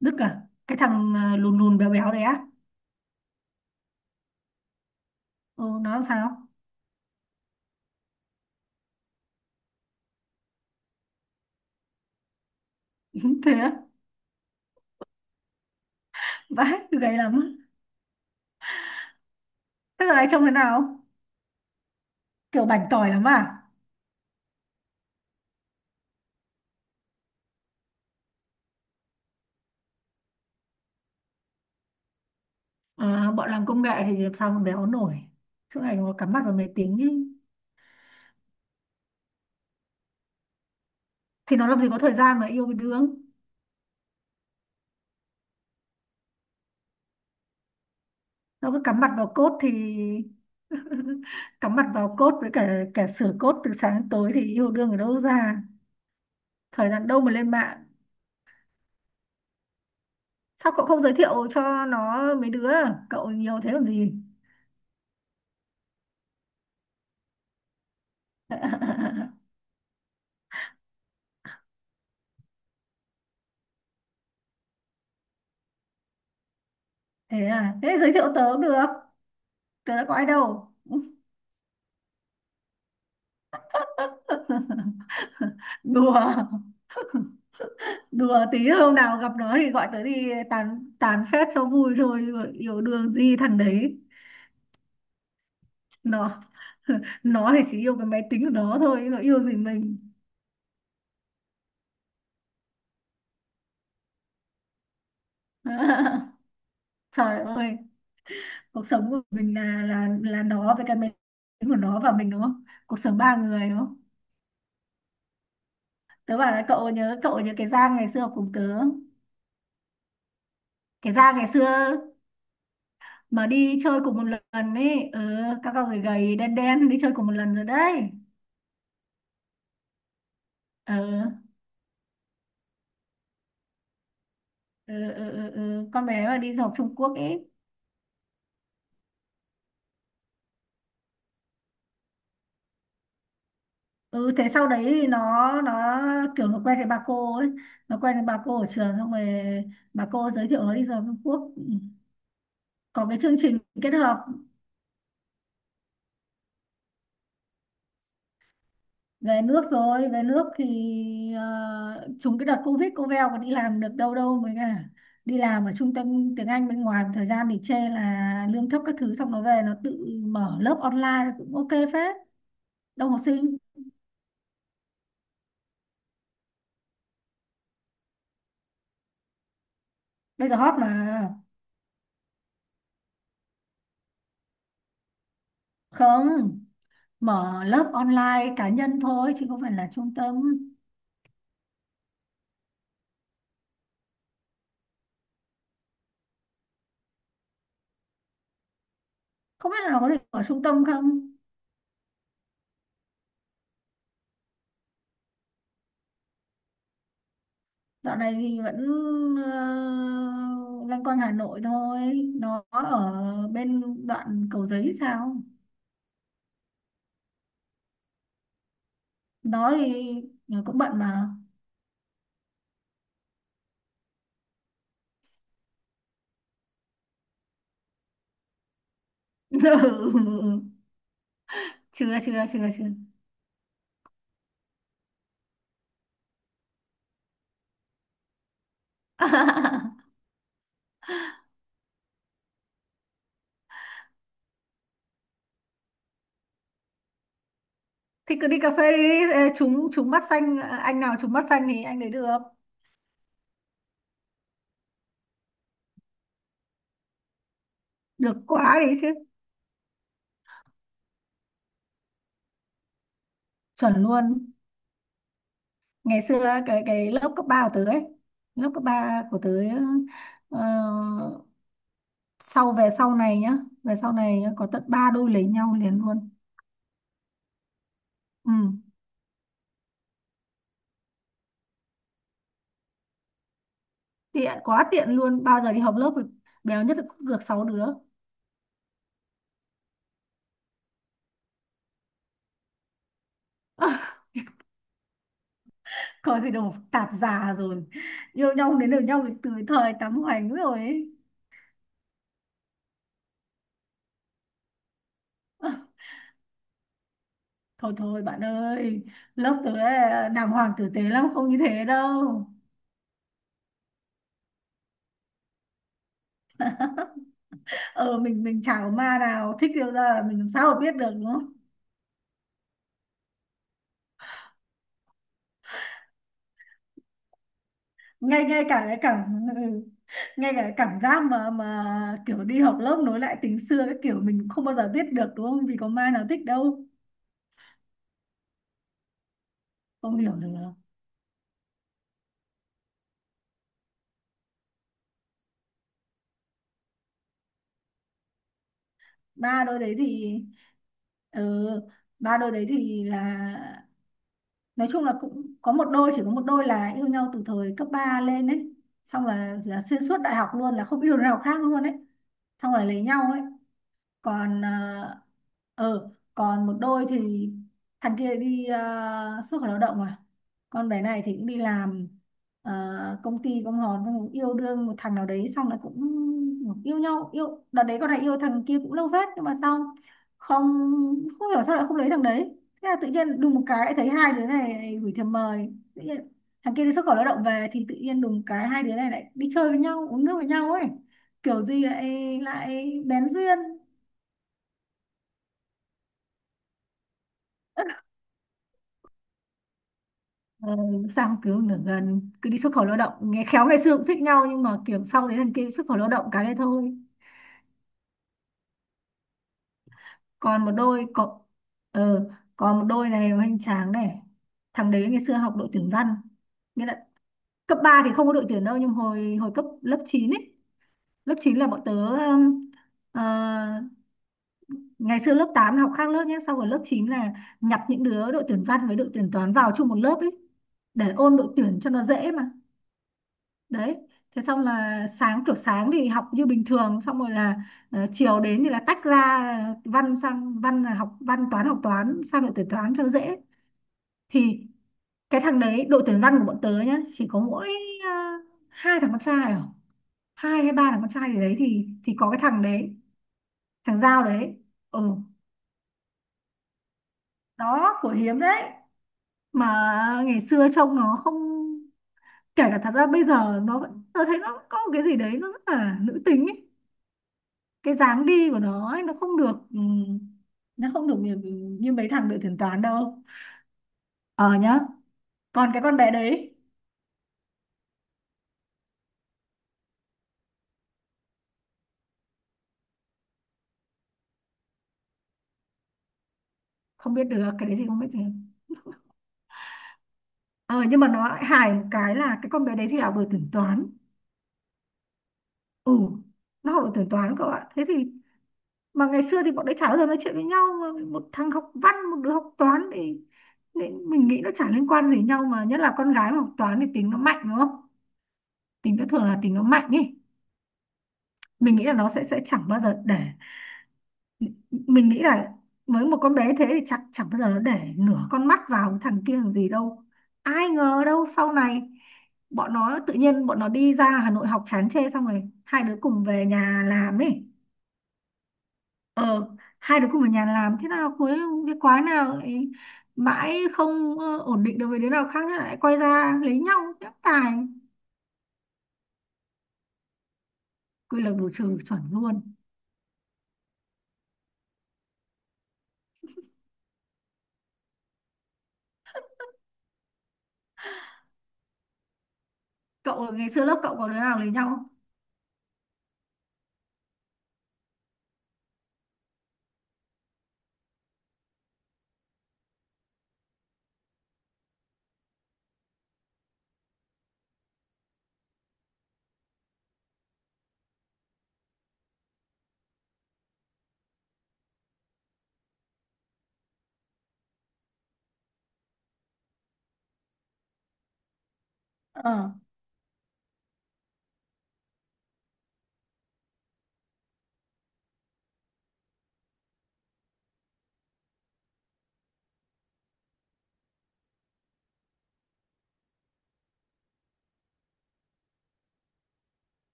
Đức à? Cái thằng lùn lùn béo béo đấy á? Ừ, nó làm sao? Thế á? Vãi, gầy lắm á. Thế giờ này trông thế nào, kiểu bảnh tỏi lắm à? Ờ, bọn làm công nghệ thì làm sao mà béo nổi, suốt ngày nó cắm mặt vào máy tính ý. Thì nó làm gì có thời gian mà yêu với đương, nó cứ cắm mặt vào code thì. Cắm mặt vào code với cả cả sửa code từ sáng đến tối thì yêu đương ở đâu ra, thời gian đâu mà lên mạng. Sao cậu không giới thiệu cho nó mấy đứa, cậu nhiều thế làm gì? Thế à, thế giới thiệu tớ cũng được, tớ đã có ai đâu. Đùa, đùa tí, hôm nào gặp nó thì gọi tớ đi tán tán phét cho vui thôi, yêu đương gì thằng đấy. Nó nó thì chỉ yêu cái máy tính của nó thôi, nó yêu gì mình. Trời ơi, cuộc sống của mình là là nó với cái máy tính của nó và mình, đúng không? Cuộc sống ba người, đúng không? Tớ bảo là cậu nhớ, cậu nhớ cái Giang ngày xưa học cùng tớ, cái Giang ngày xưa mà đi chơi cùng một lần ấy, ừ, các cậu gầy gầy đen đen đi chơi cùng một lần rồi đấy. Ừ, ừ, ừ, ừ, ừ. Con bé mà đi du học Trung Quốc ấy. Ừ, thế sau đấy thì nó kiểu nó quen với bà cô ấy, nó quen với bà cô ở trường, xong rồi bà cô giới thiệu nó đi du học Trung Quốc. Ừ, có cái chương trình kết hợp. Về nước rồi, về nước thì trùng cái đợt Covid, cô Veo còn đi làm được đâu, đâu mới cả, đi làm ở trung tâm tiếng Anh bên ngoài một thời gian thì chê là lương thấp các thứ, xong nó về nó tự mở lớp online cũng ok phết, đông học sinh. Bây giờ hot mà. Không, mở lớp online cá nhân thôi chứ không phải là trung tâm. Không biết là nó có được ở trung tâm không. Dạo này thì vẫn loanh quanh Hà Nội thôi, nó ở bên đoạn Cầu Giấy sao. Đó thì cũng bận mà. Chưa, chưa, chưa, chưa. Thì cứ đi cà phê đi, ê, trúng trúng mắt xanh, anh nào trúng mắt xanh thì anh đấy được. Được quá đấy chứ, chuẩn luôn. Ngày xưa cái lớp cấp 3 của tớ ấy, lớp cấp 3 của tớ, ờ, sau về sau này nhá, về sau này nhá, có tận ba đôi lấy nhau liền luôn. Ừ. Tiện quá, tiện luôn, bao giờ đi họp lớp thì béo nhất là cũng được sáu đứa. Có gì đâu, tạp già rồi, yêu nhau đến được nhau từ thời tắm hoành rồi ấy. Ờ, thôi thôi bạn ơi, lớp tớ là đàng hoàng tử tế lắm, không như thế đâu. Ờ, mình chả có ma nào thích yêu ra là mình làm sao mà biết được, đúng không? Ngay ngay cả cái cảm ừ, ngay cả cái cảm giác mà kiểu đi học lớp nối lại tình xưa, cái kiểu mình cũng không bao giờ biết được, đúng không? Vì có ma nào thích đâu. Không hiểu được. Ba đôi đấy thì, ừ, ba đôi đấy thì là nói chung là cũng có một đôi, chỉ có một đôi là yêu nhau từ thời cấp 3 lên ấy, xong là xuyên suốt đại học luôn, là không yêu đứa nào khác luôn ấy, xong là lấy nhau ấy. Còn ờ, ờ, còn một đôi thì thằng kia đi xuất khẩu lao động à, con bé này thì cũng đi làm, ờ, công ty công hòn, xong cũng yêu đương một thằng nào đấy, xong lại cũng yêu nhau, yêu đợt đấy, con này yêu thằng kia cũng lâu phết, nhưng mà sau không, không hiểu sao lại không lấy thằng đấy. Thế là tự nhiên đùng một cái lại thấy hai đứa này gửi thiệp mời tự nhiên. Thằng kia đi xuất khẩu lao động về thì tự nhiên đùng cái hai đứa này lại đi chơi với nhau, uống nước với nhau ấy, kiểu gì lại lại bén duyên. Ờ, sao kiểu nửa gần cứ đi xuất khẩu lao động, nghe khéo ngày xưa cũng thích nhau, nhưng mà kiểu sau đấy thằng kia xuất khẩu lao động cái đấy thôi. Còn một đôi có, ờ, còn một đôi này hoành tráng này, thằng đấy ngày xưa học đội tuyển văn, nghĩa là cấp 3 thì không có đội tuyển đâu, nhưng hồi hồi cấp lớp 9 ấy, lớp 9 là bọn tớ ờ, ngày xưa lớp 8 là học khác lớp nhé, sau rồi lớp 9 là nhặt những đứa đội tuyển văn với đội tuyển toán vào chung một lớp ấy, để ôn đội tuyển cho nó dễ mà. Đấy, thế xong là sáng, kiểu sáng thì học như bình thường, xong rồi là chiều đến thì là tách ra, ờ, văn sang văn là học văn, toán học toán sang đội tuyển toán cho nó dễ. Thì cái thằng đấy đội tuyển văn của bọn tớ nhá, chỉ có mỗi ờ, hai thằng con trai à, hai hay ba thằng con trai gì đấy, thì có cái thằng đấy, thằng Giao đấy. Ừ, đó của hiếm đấy. Mà ngày xưa trông nó không, kể cả thật ra bây giờ nó vẫn, tớ thấy nó có một cái gì đấy nó rất là nữ tính ấy, cái dáng đi của nó ấy, nó không được, nó không được như mấy thằng đội tuyển toán đâu. Ờ nhá. Còn cái con bé đấy, không biết được, cái đấy thì không biết được. Ờ, nhưng mà nó lại hài một cái là cái con bé đấy thì học đội tuyển toán. Ừ, nó học đội tuyển toán cậu ạ, thế thì mà ngày xưa thì bọn đấy chả bao giờ nói chuyện với nhau, mà một thằng học văn một đứa học toán thì, nên mình nghĩ nó chả liên quan gì nhau, mà nhất là con gái mà học toán thì tính nó mạnh, đúng không? Tính nó thường là tính nó mạnh ý. Mình nghĩ là nó sẽ chẳng bao giờ để, mình nghĩ là với một con bé thế thì chắc chẳng bao giờ nó để nửa con mắt vào thằng kia làm gì đâu. Ai ngờ đâu sau này bọn nó đi ra Hà Nội học chán chê, xong rồi hai đứa cùng về nhà làm ấy. Ờ, hai đứa cùng về nhà làm thế nào, cuối cái quái nào ấy, mãi không ổn định được với đứa nào khác nữa, lại quay ra lấy nhau, nhắc tài. Quy luật bù trừ, chuẩn luôn. Cậu ngày xưa lớp cậu có đứa nào lấy nhau không? Ờ,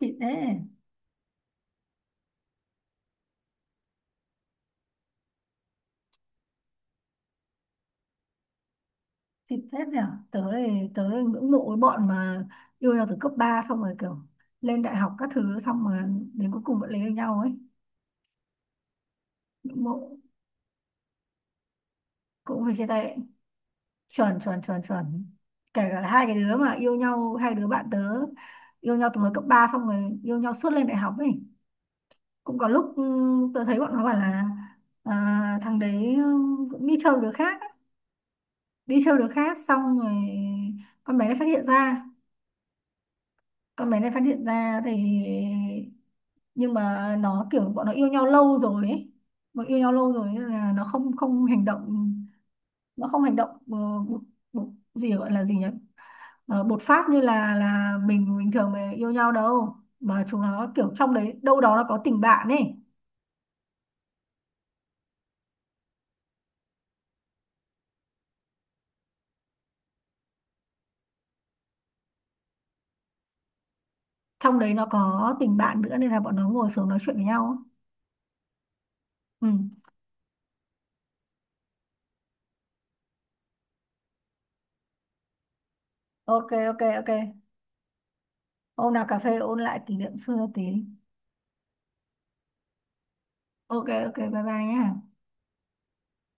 thì thế. Xịn phết nhỉ, tớ thì tớ ngưỡng mộ cái bọn mà yêu nhau từ cấp 3 xong rồi kiểu lên đại học các thứ, xong mà đến cuối cùng vẫn lấy được nhau ấy. Ngưỡng mộ. Cũng phải chia tay ấy. Chuẩn, chuẩn, chuẩn, chuẩn. Kể cả hai cái đứa mà yêu nhau, hai đứa bạn tớ yêu nhau từ hồi cấp ba, xong rồi yêu nhau suốt lên đại học ấy, cũng có lúc ừ, tớ thấy bọn nó bảo là à, thằng đấy ừ, cũng đi chơi với đứa khác ấy. Đi chơi với đứa khác, xong rồi con bé này phát hiện ra, con bé này phát hiện ra thì, nhưng mà nó kiểu bọn nó yêu nhau lâu rồi ấy, bọn yêu nhau lâu rồi nên là nó không không hành động, nó không hành động bột, gì gọi là gì nhỉ? Ờ, bột phát như là mình bình thường mà yêu nhau đâu, mà chúng nó kiểu trong đấy đâu đó nó có tình bạn ấy. Trong đấy nó có tình bạn nữa nên là bọn nó ngồi xuống nói chuyện với nhau ấy. Ừ. Ok, ok, ok, hôm nào cà phê ôn lại kỷ niệm xưa tí. Ok, ok, bye bye nhé.